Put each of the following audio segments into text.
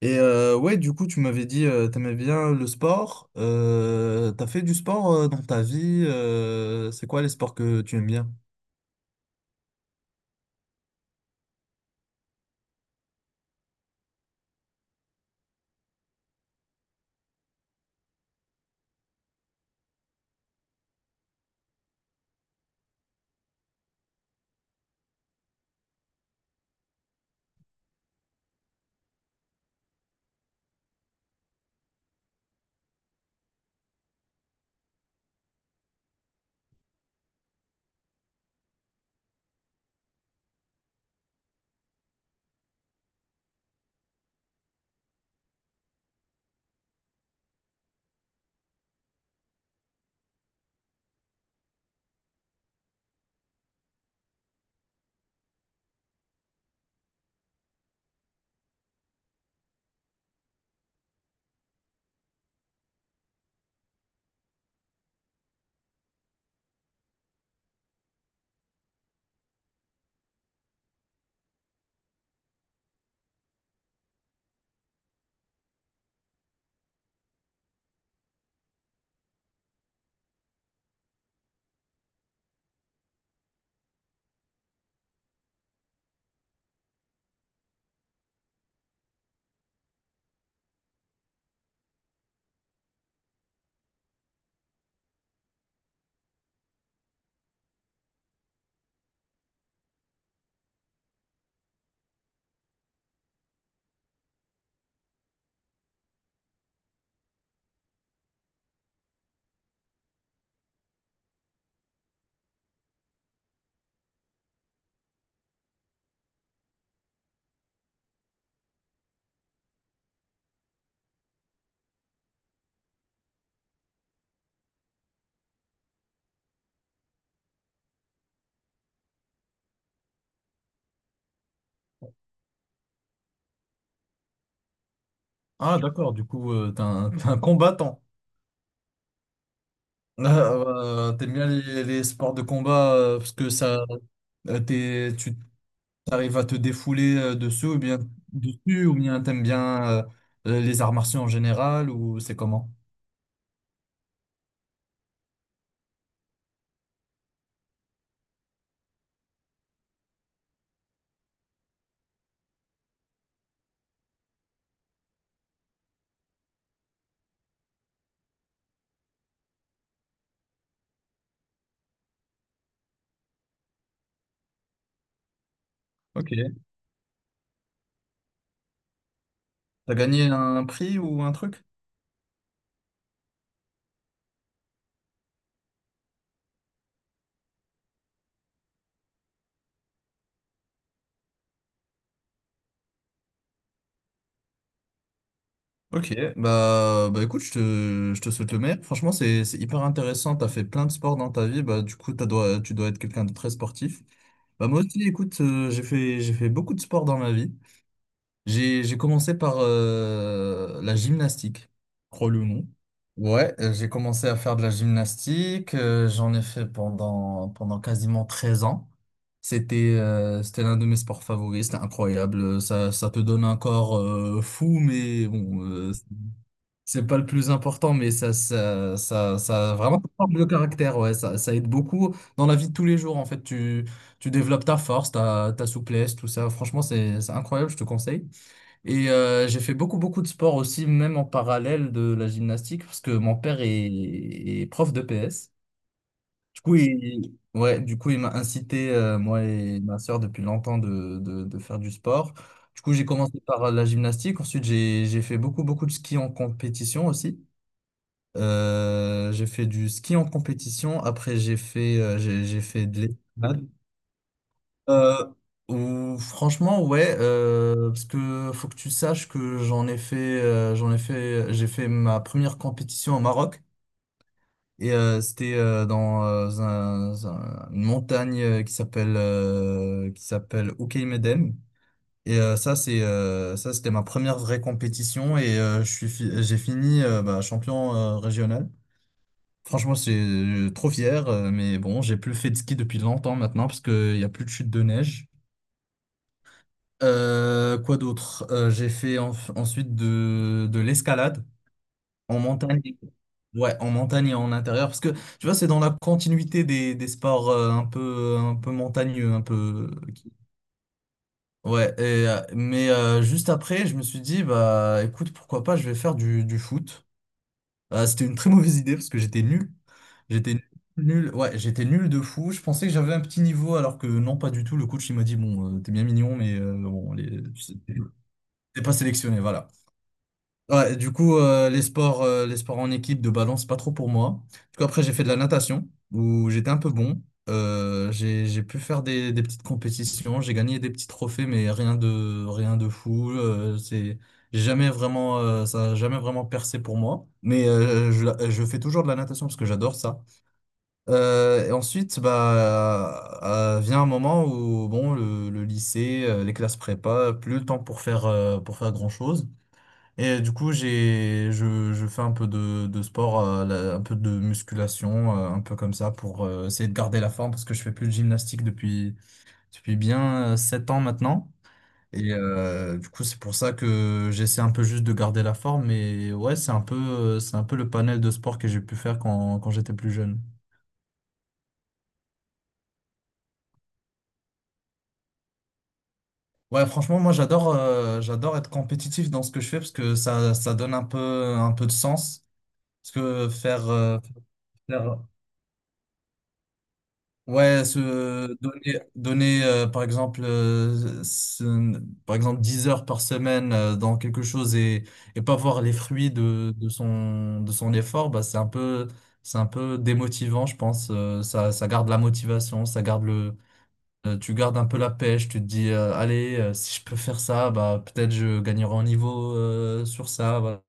Du coup, tu m'avais dit, t'aimais bien le sport. T'as fait du sport dans ta vie. C'est quoi les sports que tu aimes bien? Ah, d'accord, du coup, t'es un combattant. T'aimes bien les sports de combat parce que ça, tu arrives à te défouler dessus ou bien t'aimes bien les arts martiaux en général ou c'est comment? Ok. T'as gagné un prix ou un truc? Ok, bah écoute, je te souhaite le meilleur. Franchement, c'est hyper intéressant. T'as fait plein de sports dans ta vie. Bah, du coup, tu dois être quelqu'un de très sportif. Bah, moi aussi, écoute, j'ai fait beaucoup de sports dans ma vie. J'ai commencé par la gymnastique, crois-le ou non. Ouais, j'ai commencé à faire de la gymnastique. J'en ai fait pendant quasiment 13 ans. C'était l'un de mes sports favoris, c'était incroyable. Ça te donne un corps fou, mais bon, c'est pas le plus important, mais ça vraiment ça forme le caractère, ouais. Ça aide beaucoup dans la vie de tous les jours, en fait. Tu développes ta force, ta souplesse, tout ça. Franchement, c'est incroyable, je te conseille. Et j'ai fait beaucoup, beaucoup de sport aussi, même en parallèle de la gymnastique, parce que est prof de PS. Du coup, il m'a incité, moi et ma sœur, depuis longtemps, de faire du sport. Du coup, j'ai commencé par la gymnastique. Ensuite, j'ai fait beaucoup, beaucoup de ski en compétition aussi. J'ai fait du ski en compétition. Après, j'ai fait de l'escalade. Euh, Franchement, ouais, parce que faut que tu saches que j'ai fait ma première compétition au Maroc. Et c'était dans un- une montagne qui s'appelle Oukaïmeden. Et ça, c'était ma première vraie compétition. Et j'ai fini bah, champion régional. Franchement, c'est trop fier, mais bon, j'ai plus fait de ski depuis longtemps maintenant parce qu'il n'y a plus de chute de neige. Quoi d'autre? J'ai fait ensuite de l'escalade en montagne. Ouais, en montagne et en intérieur parce que tu vois, c'est dans la continuité des sports un peu montagneux, un peu. Ouais, et, juste après, je me suis dit, bah écoute, pourquoi pas, je vais faire du foot. C'était une très mauvaise idée parce que j'étais nul. J'étais nul, ouais, j'étais nul de fou. Je pensais que j'avais un petit niveau, alors que non, pas du tout. Le coach, il m'a dit, bon, t'es bien mignon, mais bon, t'es pas sélectionné, voilà. Ouais, du coup, les sports en équipe de balance, c'est pas trop pour moi. Du coup, après, j'ai fait de la natation, où j'étais un peu bon. J'ai pu faire des petites compétitions, j'ai gagné des petits trophées, mais rien de fou. J'ai jamais vraiment, ça a jamais vraiment percé pour moi. Mais je fais toujours de la natation parce que j'adore ça. Euh, et ensuite, bah, vient un moment où bon, le lycée, les classes prépa, plus le temps pour faire grand-chose. Et du coup, je fais un peu de sport, un peu de musculation, un peu comme ça, pour essayer de garder la forme, parce que je fais plus de gymnastique depuis bien 7 ans maintenant. Et du coup, c'est pour ça que j'essaie un peu juste de garder la forme. Mais ouais, c'est un peu le panel de sport que j'ai pu faire quand j'étais plus jeune. Ouais, franchement, moi j'adore j'adore être compétitif dans ce que je fais parce que ça donne un peu de sens. Parce que faire- ouais, se donner donner par exemple par exemple 10 heures par semaine dans quelque chose et pas voir les fruits de son effort, bah c'est un peu démotivant, je pense. Ça, ça garde la motivation, ça garde le. Tu gardes un peu la pêche, tu te dis, allez, si je peux faire ça, bah, peut-être je gagnerai en niveau sur ça, voilà,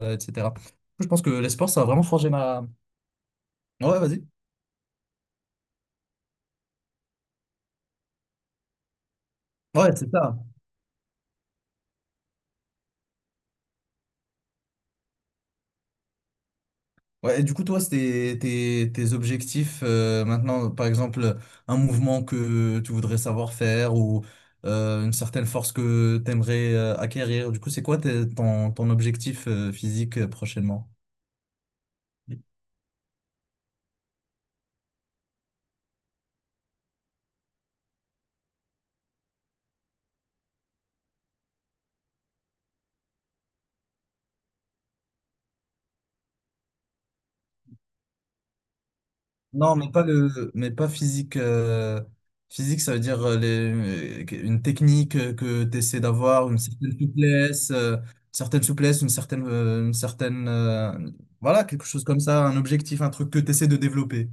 etc. Je pense que les sports, ça a vraiment forgé ma... Ouais, vas-y. Ouais, c'est ça. Ouais, et du coup, toi, c'était tes objectifs maintenant, par exemple, un mouvement que tu voudrais savoir faire ou une certaine force que tu aimerais acquérir. Du coup, c'est quoi ton objectif physique prochainement? Non, mais pas le, mais pas physique. Physique, ça veut dire une technique que tu essaies d'avoir, une certaine souplesse, une certaine, voilà, quelque chose comme ça, un objectif, un truc que tu essaies de développer.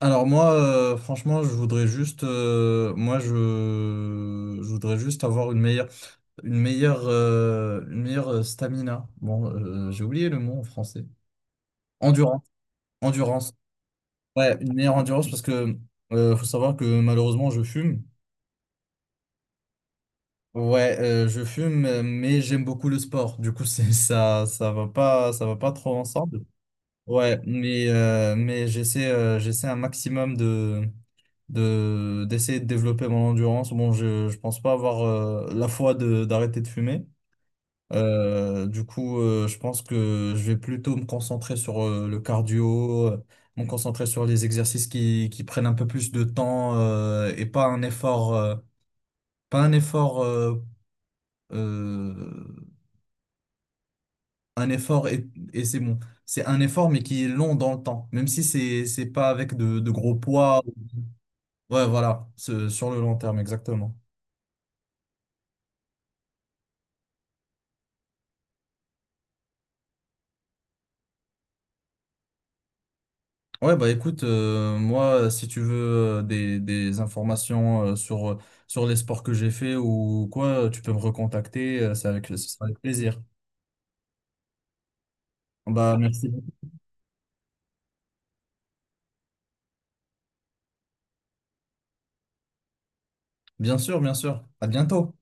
Alors moi, franchement, je voudrais juste avoir une meilleure, une meilleure stamina. Bon, j'ai oublié le mot en français. Endurance, endurance. Ouais, une meilleure endurance parce que faut savoir que malheureusement je fume. Ouais, je fume, mais j'aime beaucoup le sport. Du coup, c'est ça, ça va pas trop ensemble. Ouais, mais j'essaie, j'essaie un maximum de d'essayer de développer mon endurance. Bon, je pense pas avoir la foi de d'arrêter de fumer. Du coup, je pense que je vais plutôt me concentrer sur le cardio, me concentrer sur les exercices qui prennent un peu plus de temps et pas un effort, pas un effort, euh, un effort et c'est bon. C'est un effort mais qui est long dans le temps, même si c'est pas avec de gros poids. Ouais, voilà, sur le long terme, exactement. Ouais, bah écoute, moi, si tu veux des informations sur les sports que j'ai fait ou quoi, tu peux me recontacter, ce sera avec plaisir. Bah merci beaucoup. Bien sûr, bien sûr. À bientôt.